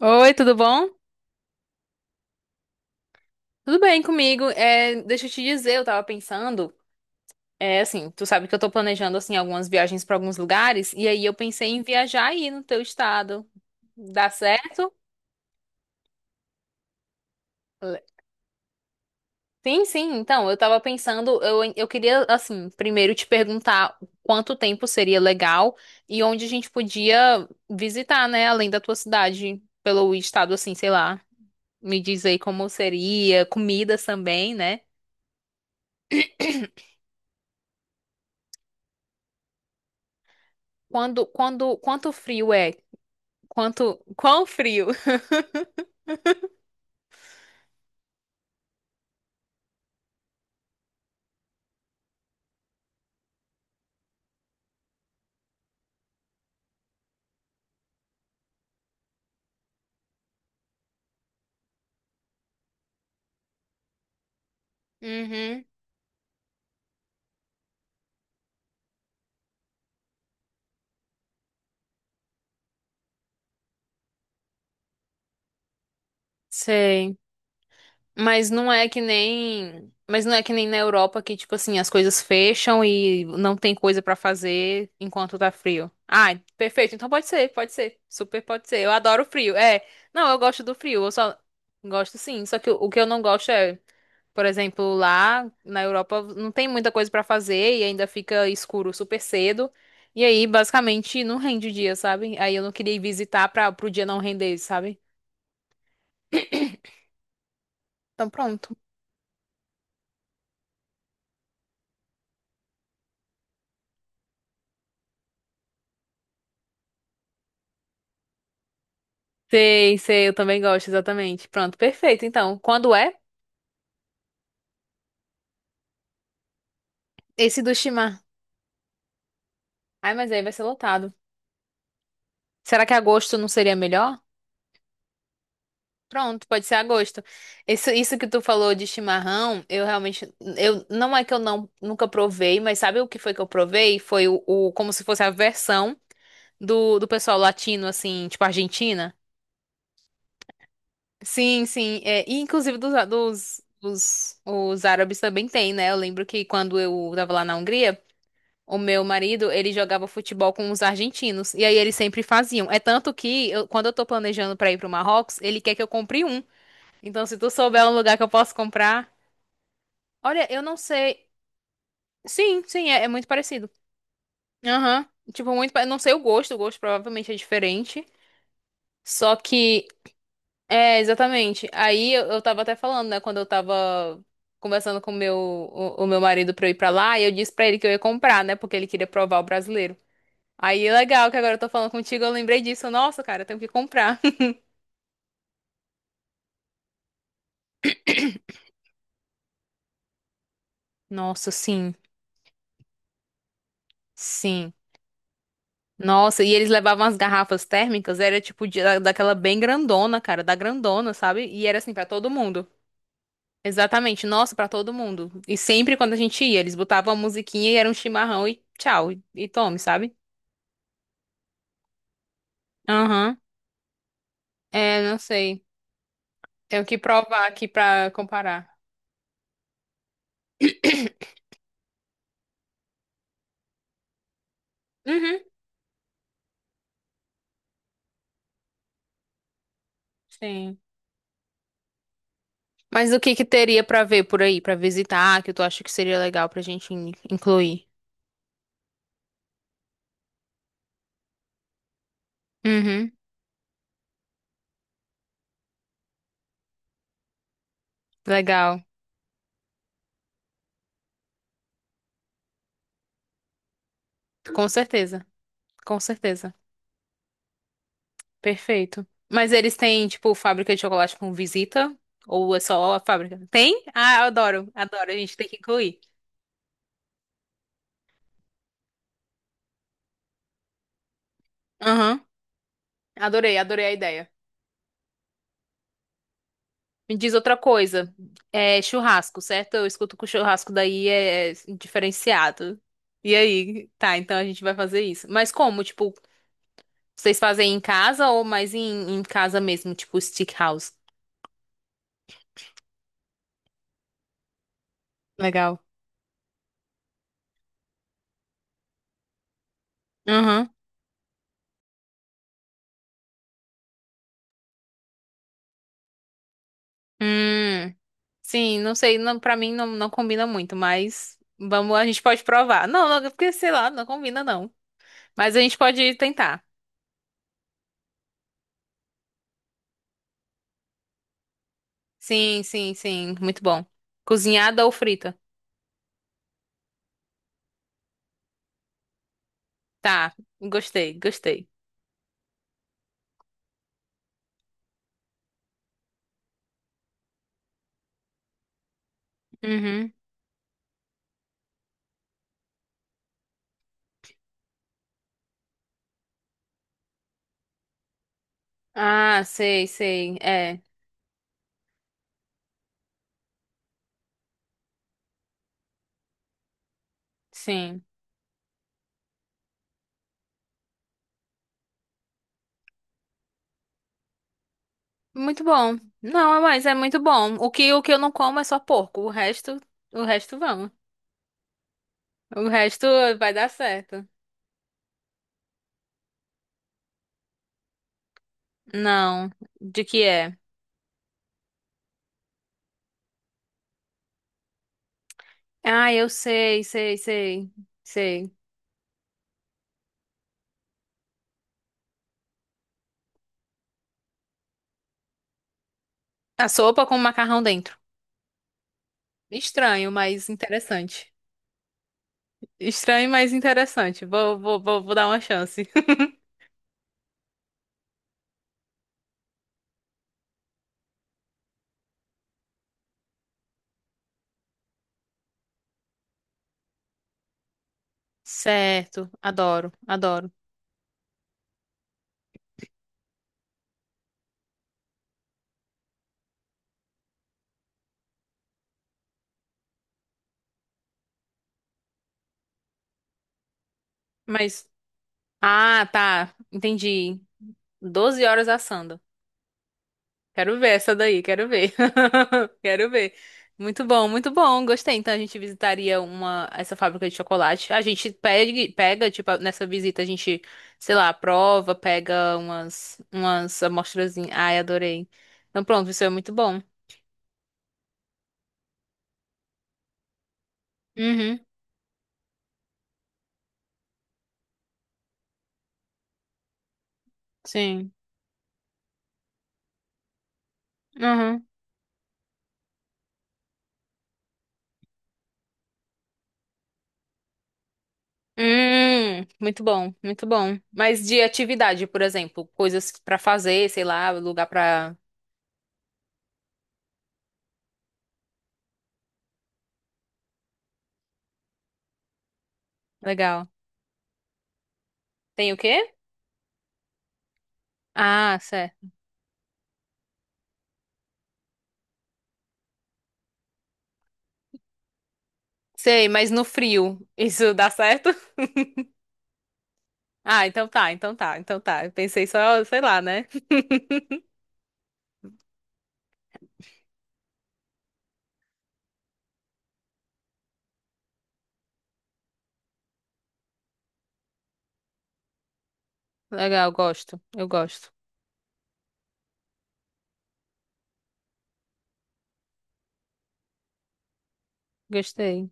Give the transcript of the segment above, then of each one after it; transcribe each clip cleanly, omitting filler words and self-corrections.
Oi, tudo bom? Tudo bem comigo? Deixa eu te dizer, eu tava pensando, é assim, tu sabe que eu tô planejando assim algumas viagens pra alguns lugares e aí eu pensei em viajar aí no teu estado. Dá certo? Le- Sim, sim. Então, eu tava pensando, eu queria assim, primeiro te perguntar quanto tempo seria legal e onde a gente podia visitar, né, além da tua cidade, pelo estado assim, sei lá. Me diz aí como seria, comidas também, né? Quanto frio é? Quanto, quão frio. Uhum. Sei. Mas não é que nem na Europa que tipo assim, as coisas fecham e não tem coisa pra fazer enquanto tá frio. Ai, perfeito. Então pode ser, pode ser. Super pode ser. Eu adoro frio. É. Não, eu gosto do frio. Eu só gosto sim, só que o que eu não gosto é, por exemplo, lá na Europa não tem muita coisa pra fazer e ainda fica escuro super cedo. E aí, basicamente, não rende o dia, sabe? Aí eu não queria ir visitar para pro dia não render, sabe? Então pronto. Sei, sei, eu também gosto, exatamente. Pronto, perfeito. Então, quando é? Esse do Shimar. Ai, mas aí vai ser lotado. Será que agosto não seria melhor? Pronto, pode ser agosto. Isso que tu falou de chimarrão, eu realmente, eu não é que eu não nunca provei, mas sabe o que foi que eu provei? Foi como se fosse a versão do pessoal latino, assim, tipo Argentina. Sim, sim. É, e inclusive dos os árabes também tem, né? Eu lembro que quando eu tava lá na Hungria. O meu marido, ele jogava futebol com os argentinos. E aí eles sempre faziam. É tanto que, quando eu tô planejando pra ir pro Marrocos, ele quer que eu compre um. Então, se tu souber um lugar que eu posso comprar. Olha, eu não sei. Sim, sim, é, é muito parecido. Aham. Tipo, muito. Não sei o gosto provavelmente é diferente. Só que. É, exatamente. Aí eu tava até falando, né, quando eu tava conversando com o meu, o meu marido pra eu ir pra lá, e eu disse pra ele que eu ia comprar, né? Porque ele queria provar o brasileiro. Aí, legal que agora eu tô falando contigo, eu lembrei disso. Nossa, cara, eu tenho que comprar. Nossa, sim, sim. Nossa, e eles levavam as garrafas térmicas, era tipo daquela bem grandona, cara, da grandona, sabe? E era assim pra todo mundo. Exatamente, nossa, pra todo mundo. E sempre quando a gente ia, eles botavam a musiquinha e era um chimarrão e tchau, e tome, sabe? Aham. É, não sei. Tenho que provar aqui pra comparar. Uhum, sim. Mas o que que teria pra ver por aí, pra visitar, que tu acha que seria legal pra gente incluir? Uhum, legal. Com certeza. Com certeza. Perfeito. Mas eles têm, tipo, fábrica de chocolate com visita? Ou é só a fábrica? Tem? Ah, eu adoro, adoro. A gente tem que incluir. Aham. Adorei, adorei a ideia. Me diz outra coisa. É churrasco, certo? Eu escuto que o churrasco daí é diferenciado. E aí? Tá, então a gente vai fazer isso. Mas como? Tipo, vocês fazem em casa ou mais em casa mesmo, tipo stick house? Legal. Uhum. Hum, sim, não sei, não, para mim não, não combina muito, mas vamos, a gente pode provar. Não, não, porque sei lá, não combina não. Mas a gente pode tentar. Sim, sim, sim, muito bom. Cozinhada ou frita? Tá, gostei, gostei. Uhum. Ah, sei, sei, é, sim. Muito bom. Não, mas é muito bom. O que eu não como é só porco, o resto vamos. O resto vai dar certo. Não. De que é? Ah, eu sei, sei, sei, sei. A sopa com macarrão dentro. Estranho, mas interessante. Estranho, mas interessante. Vou dar uma chance. Certo. Adoro, adoro. Mas. Ah, tá. Entendi. 12 horas assando. Quero ver essa daí, quero ver. Quero ver. Muito bom, muito bom. Gostei. Então a gente visitaria uma essa fábrica de chocolate. A gente pega, tipo, nessa visita a gente, sei lá, prova, pega umas amostrazinhas. Ai, adorei. Então pronto, isso é muito bom. Uhum. Sim. Uhum. Muito bom, muito bom. Mas de atividade, por exemplo, coisas pra fazer, sei lá, lugar pra. Legal. Tem o quê? Ah, certo. Sei, mas no frio, isso dá certo? Ah, então tá, então tá, então tá. Eu pensei só, sei lá, né? Legal, gosto, eu gosto. Gostei.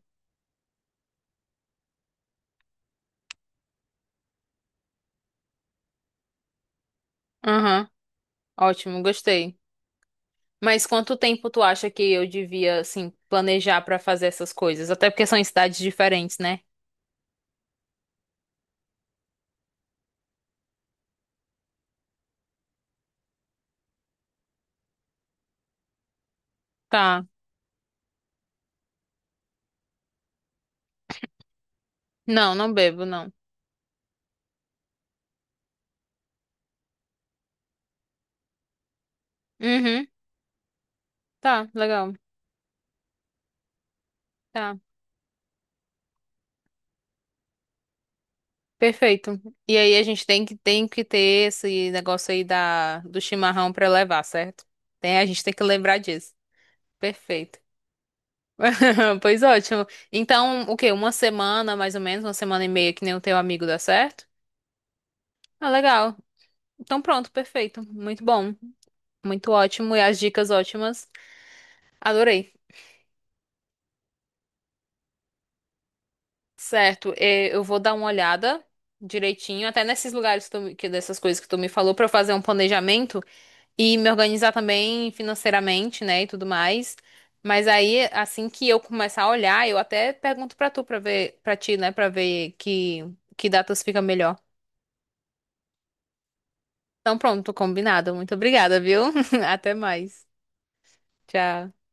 Aham, ótimo, gostei. Mas quanto tempo tu acha que eu devia, assim, planejar pra fazer essas coisas? Até porque são em cidades diferentes, né? Tá. Não, não bebo, não. Uhum, tá, legal. Tá, perfeito. E aí a gente tem que ter esse negócio aí do chimarrão pra levar, certo? Tem, a gente tem que lembrar disso. Perfeito. Pois ótimo. Então, o quê? Uma semana, mais ou menos, uma semana e meia, que nem o teu amigo dá certo? Ah, legal. Então pronto, perfeito. Muito bom. Muito ótimo. E as dicas ótimas. Adorei. Certo, eu vou dar uma olhada direitinho, até nesses lugares que que dessas coisas que tu me falou, pra eu fazer um planejamento e me organizar também financeiramente, né, e tudo mais. Mas aí, assim que eu começar a olhar, eu até pergunto pra tu, pra ti, né, pra ver que datas fica melhor. Então pronto, combinado. Muito obrigada, viu? Até mais. Tchau.